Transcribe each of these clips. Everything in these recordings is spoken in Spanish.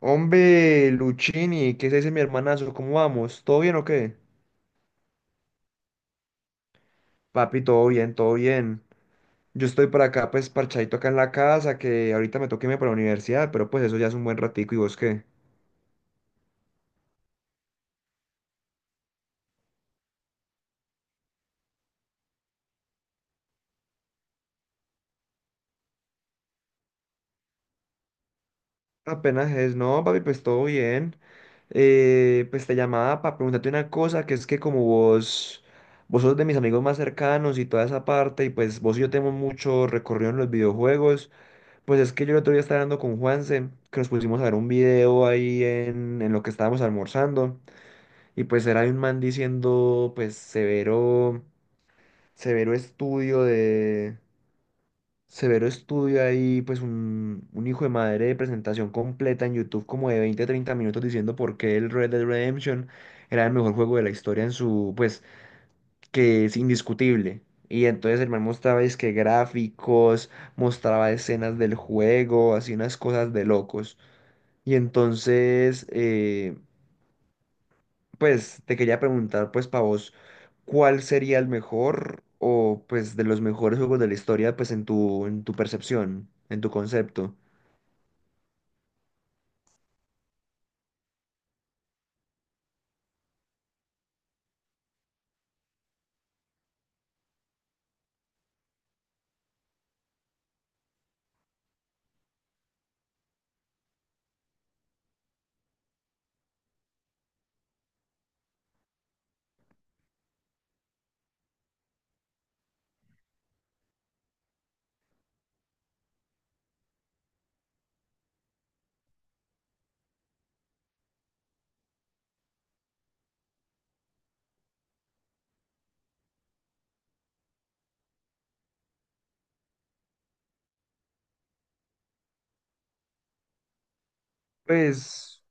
Hombre, Luchini, ¿qué se dice, mi hermanazo? ¿Cómo vamos? ¿Todo bien o qué? Papi, todo bien, todo bien. Yo estoy por acá, pues, parchadito acá en la casa, que ahorita me toca irme para la universidad, pero pues eso ya es un buen ratico, ¿y vos qué? Apenas es, no, papi, pues todo bien. Pues te llamaba para preguntarte una cosa, que es que como vos, vos sos de mis amigos más cercanos y toda esa parte, y pues vos y yo tenemos mucho recorrido en los videojuegos. Pues es que yo el otro día estaba hablando con Juanse, que nos pusimos a ver un video ahí en lo que estábamos almorzando, y pues era de un man diciendo, pues, severo, severo estudio de, severo estudio ahí, pues un hijo de madre de presentación completa en YouTube, como de 20 a 30 minutos diciendo por qué el Red Dead Redemption era el mejor juego de la historia en su, pues, que es indiscutible. Y entonces el man mostraba, es que gráficos, mostraba escenas del juego, así unas cosas de locos. Y entonces, pues te quería preguntar, pues para vos, ¿cuál sería el mejor o pues de los mejores juegos de la historia, pues en tu percepción, en tu concepto? Pues,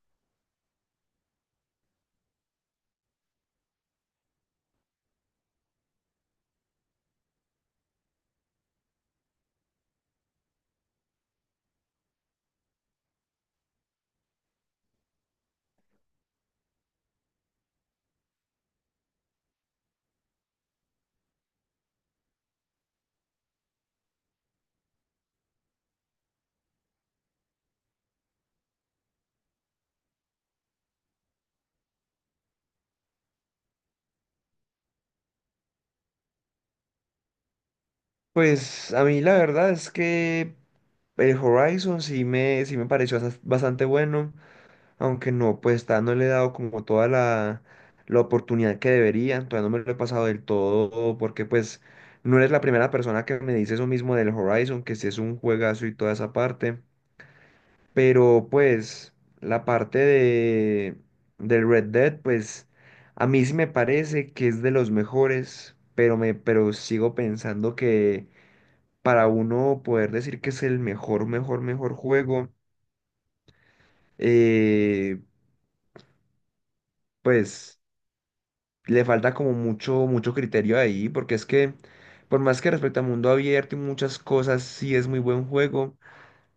pues a mí la verdad es que el Horizon sí me pareció bastante bueno. Aunque no, pues está, no le he dado como toda la, la oportunidad que debería, todavía no me lo he pasado del todo, porque pues no eres la primera persona que me dice eso mismo del Horizon, que si es un juegazo y toda esa parte, pero pues la parte de, del Red Dead, pues a mí sí me parece que es de los mejores, pero, me, pero sigo pensando que para uno poder decir que es el mejor, mejor, mejor juego, eh, pues... le falta como mucho, mucho criterio ahí, porque es que, por más que respecto a mundo abierto y muchas cosas, sí es muy buen juego,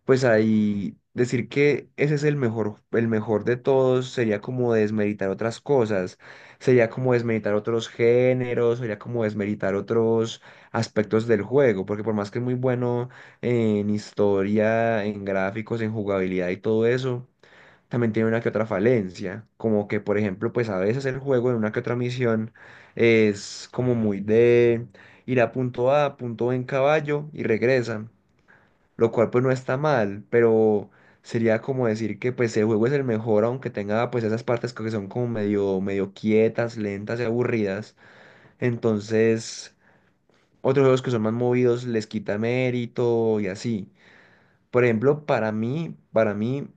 pues ahí decir que ese es el mejor de todos sería como desmeritar otras cosas, sería como desmeritar otros géneros, sería como desmeritar otros aspectos del juego, porque por más que es muy bueno en historia, en gráficos, en jugabilidad y todo eso también tiene una que otra falencia, como que por ejemplo, pues a veces el juego en una que otra misión es como muy de ir a punto A, punto B en caballo y regresa, lo cual pues no está mal, pero sería como decir que pues el juego es el mejor aunque tenga pues esas partes que son como medio medio quietas, lentas y aburridas, entonces otros juegos que son más movidos les quita mérito y así. Por ejemplo, para mí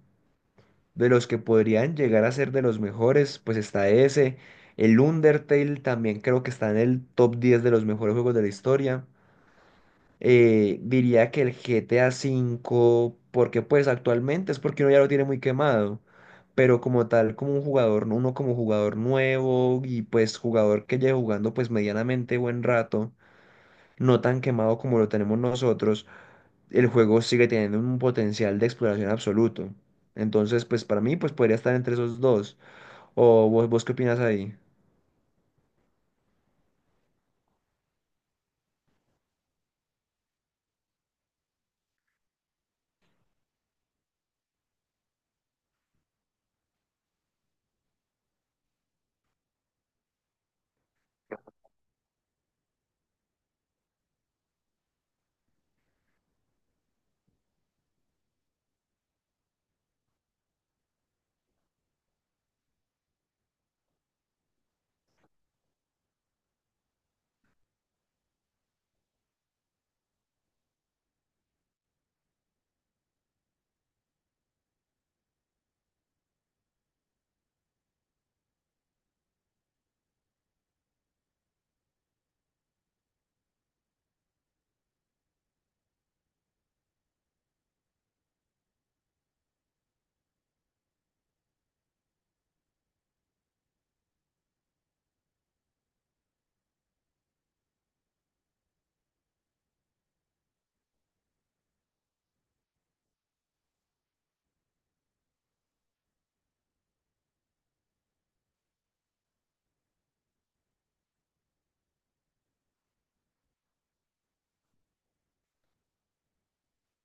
de los que podrían llegar a ser de los mejores, pues está ese. El Undertale también creo que está en el top 10 de los mejores juegos de la historia. Diría que el GTA V, porque pues actualmente es porque uno ya lo tiene muy quemado, pero como tal, como un jugador, uno como jugador nuevo y pues jugador que lleve jugando pues medianamente buen rato, no tan quemado como lo tenemos nosotros, el juego sigue teniendo un potencial de exploración absoluto. Entonces, pues para mí, pues podría estar entre esos dos. ¿O vos, vos qué opinas ahí?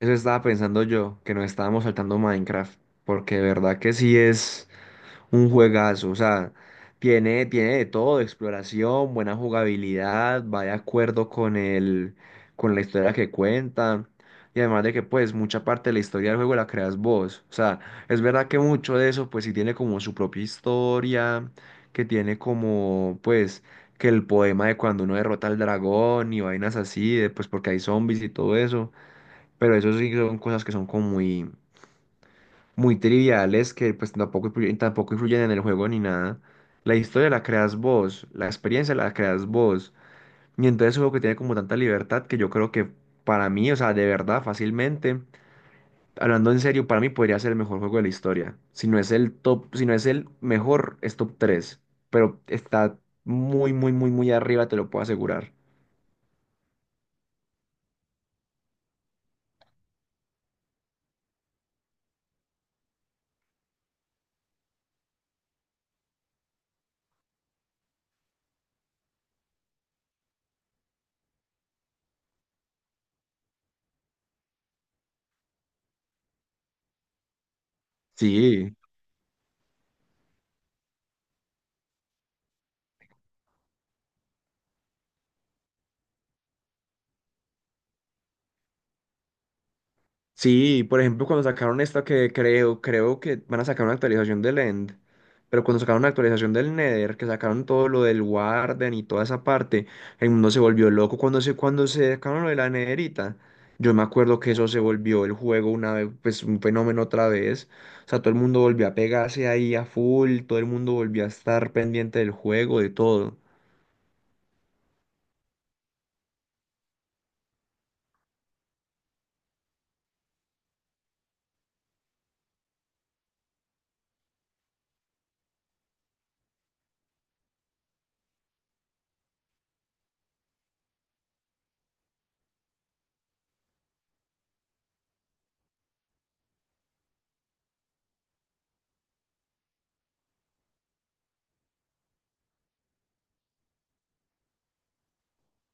Eso estaba pensando yo, que nos estábamos saltando Minecraft, porque de verdad que sí es... Un juegazo, o sea, tiene de todo, exploración, buena jugabilidad, va de acuerdo con el, con la historia que cuenta. Y además de que pues mucha parte de la historia del juego la creas vos. O sea, es verdad que mucho de eso pues sí tiene como su propia historia, que tiene como pues que el poema de cuando uno derrota al dragón y vainas así, de, pues porque hay zombies y todo eso. Pero eso sí son cosas que son como muy, muy triviales que pues tampoco, influyen- tampoco influyen en el juego ni nada. La historia la creas vos, la experiencia la creas vos. Y entonces es un juego que tiene como tanta libertad que yo creo que para mí, o sea, de verdad, fácilmente, hablando en serio, para mí podría ser el mejor juego de la historia. Si no es el top, si no es el mejor, es top 3. Pero está muy, muy, muy, muy arriba, te lo puedo asegurar. Sí. Sí, por ejemplo, cuando sacaron esta que creo, creo que van a sacar una actualización del End, pero cuando sacaron una actualización del Nether, que sacaron todo lo del Warden y toda esa parte, el mundo se volvió loco cuando se sacaron lo de la Netherita. Yo me acuerdo que eso se volvió el juego una vez, pues un fenómeno otra vez. O sea, todo el mundo volvió a pegarse ahí a full, todo el mundo volvió a estar pendiente del juego, de todo.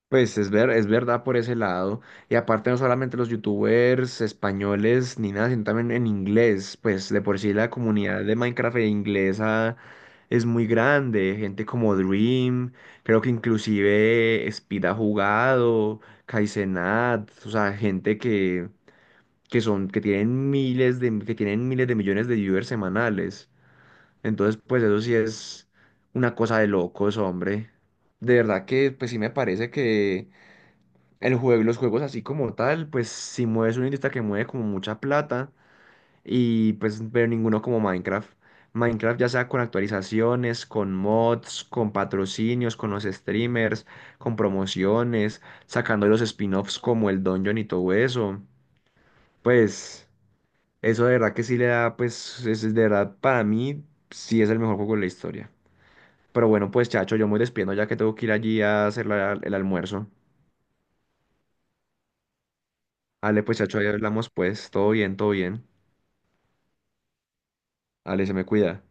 Pues es ver, es verdad por ese lado. Y aparte no solamente los youtubers españoles ni nada, sino también en inglés. Pues de por sí la comunidad de Minecraft e inglesa es muy grande. Gente como Dream, creo que inclusive Speed ha jugado, Kaizenat, o sea, gente que son, que tienen miles de, que tienen miles de millones de viewers semanales. Entonces, pues eso sí es una cosa de locos, hombre. De verdad que pues sí me parece que el juego, y los juegos así como tal, pues si mueves una industria que mueve como mucha plata y pues pero ninguno como Minecraft. Minecraft, ya sea con actualizaciones, con mods, con patrocinios, con los streamers, con promociones, sacando los spin-offs como el Dungeon y todo eso. Pues eso de verdad que sí le da, pues es de verdad para mí sí es el mejor juego de la historia. Pero bueno, pues chacho, yo me voy despidiendo ya que tengo que ir allí a hacer la- el almuerzo. Dale, pues chacho, ahí hablamos pues, todo bien, todo bien. Ale, se me cuida.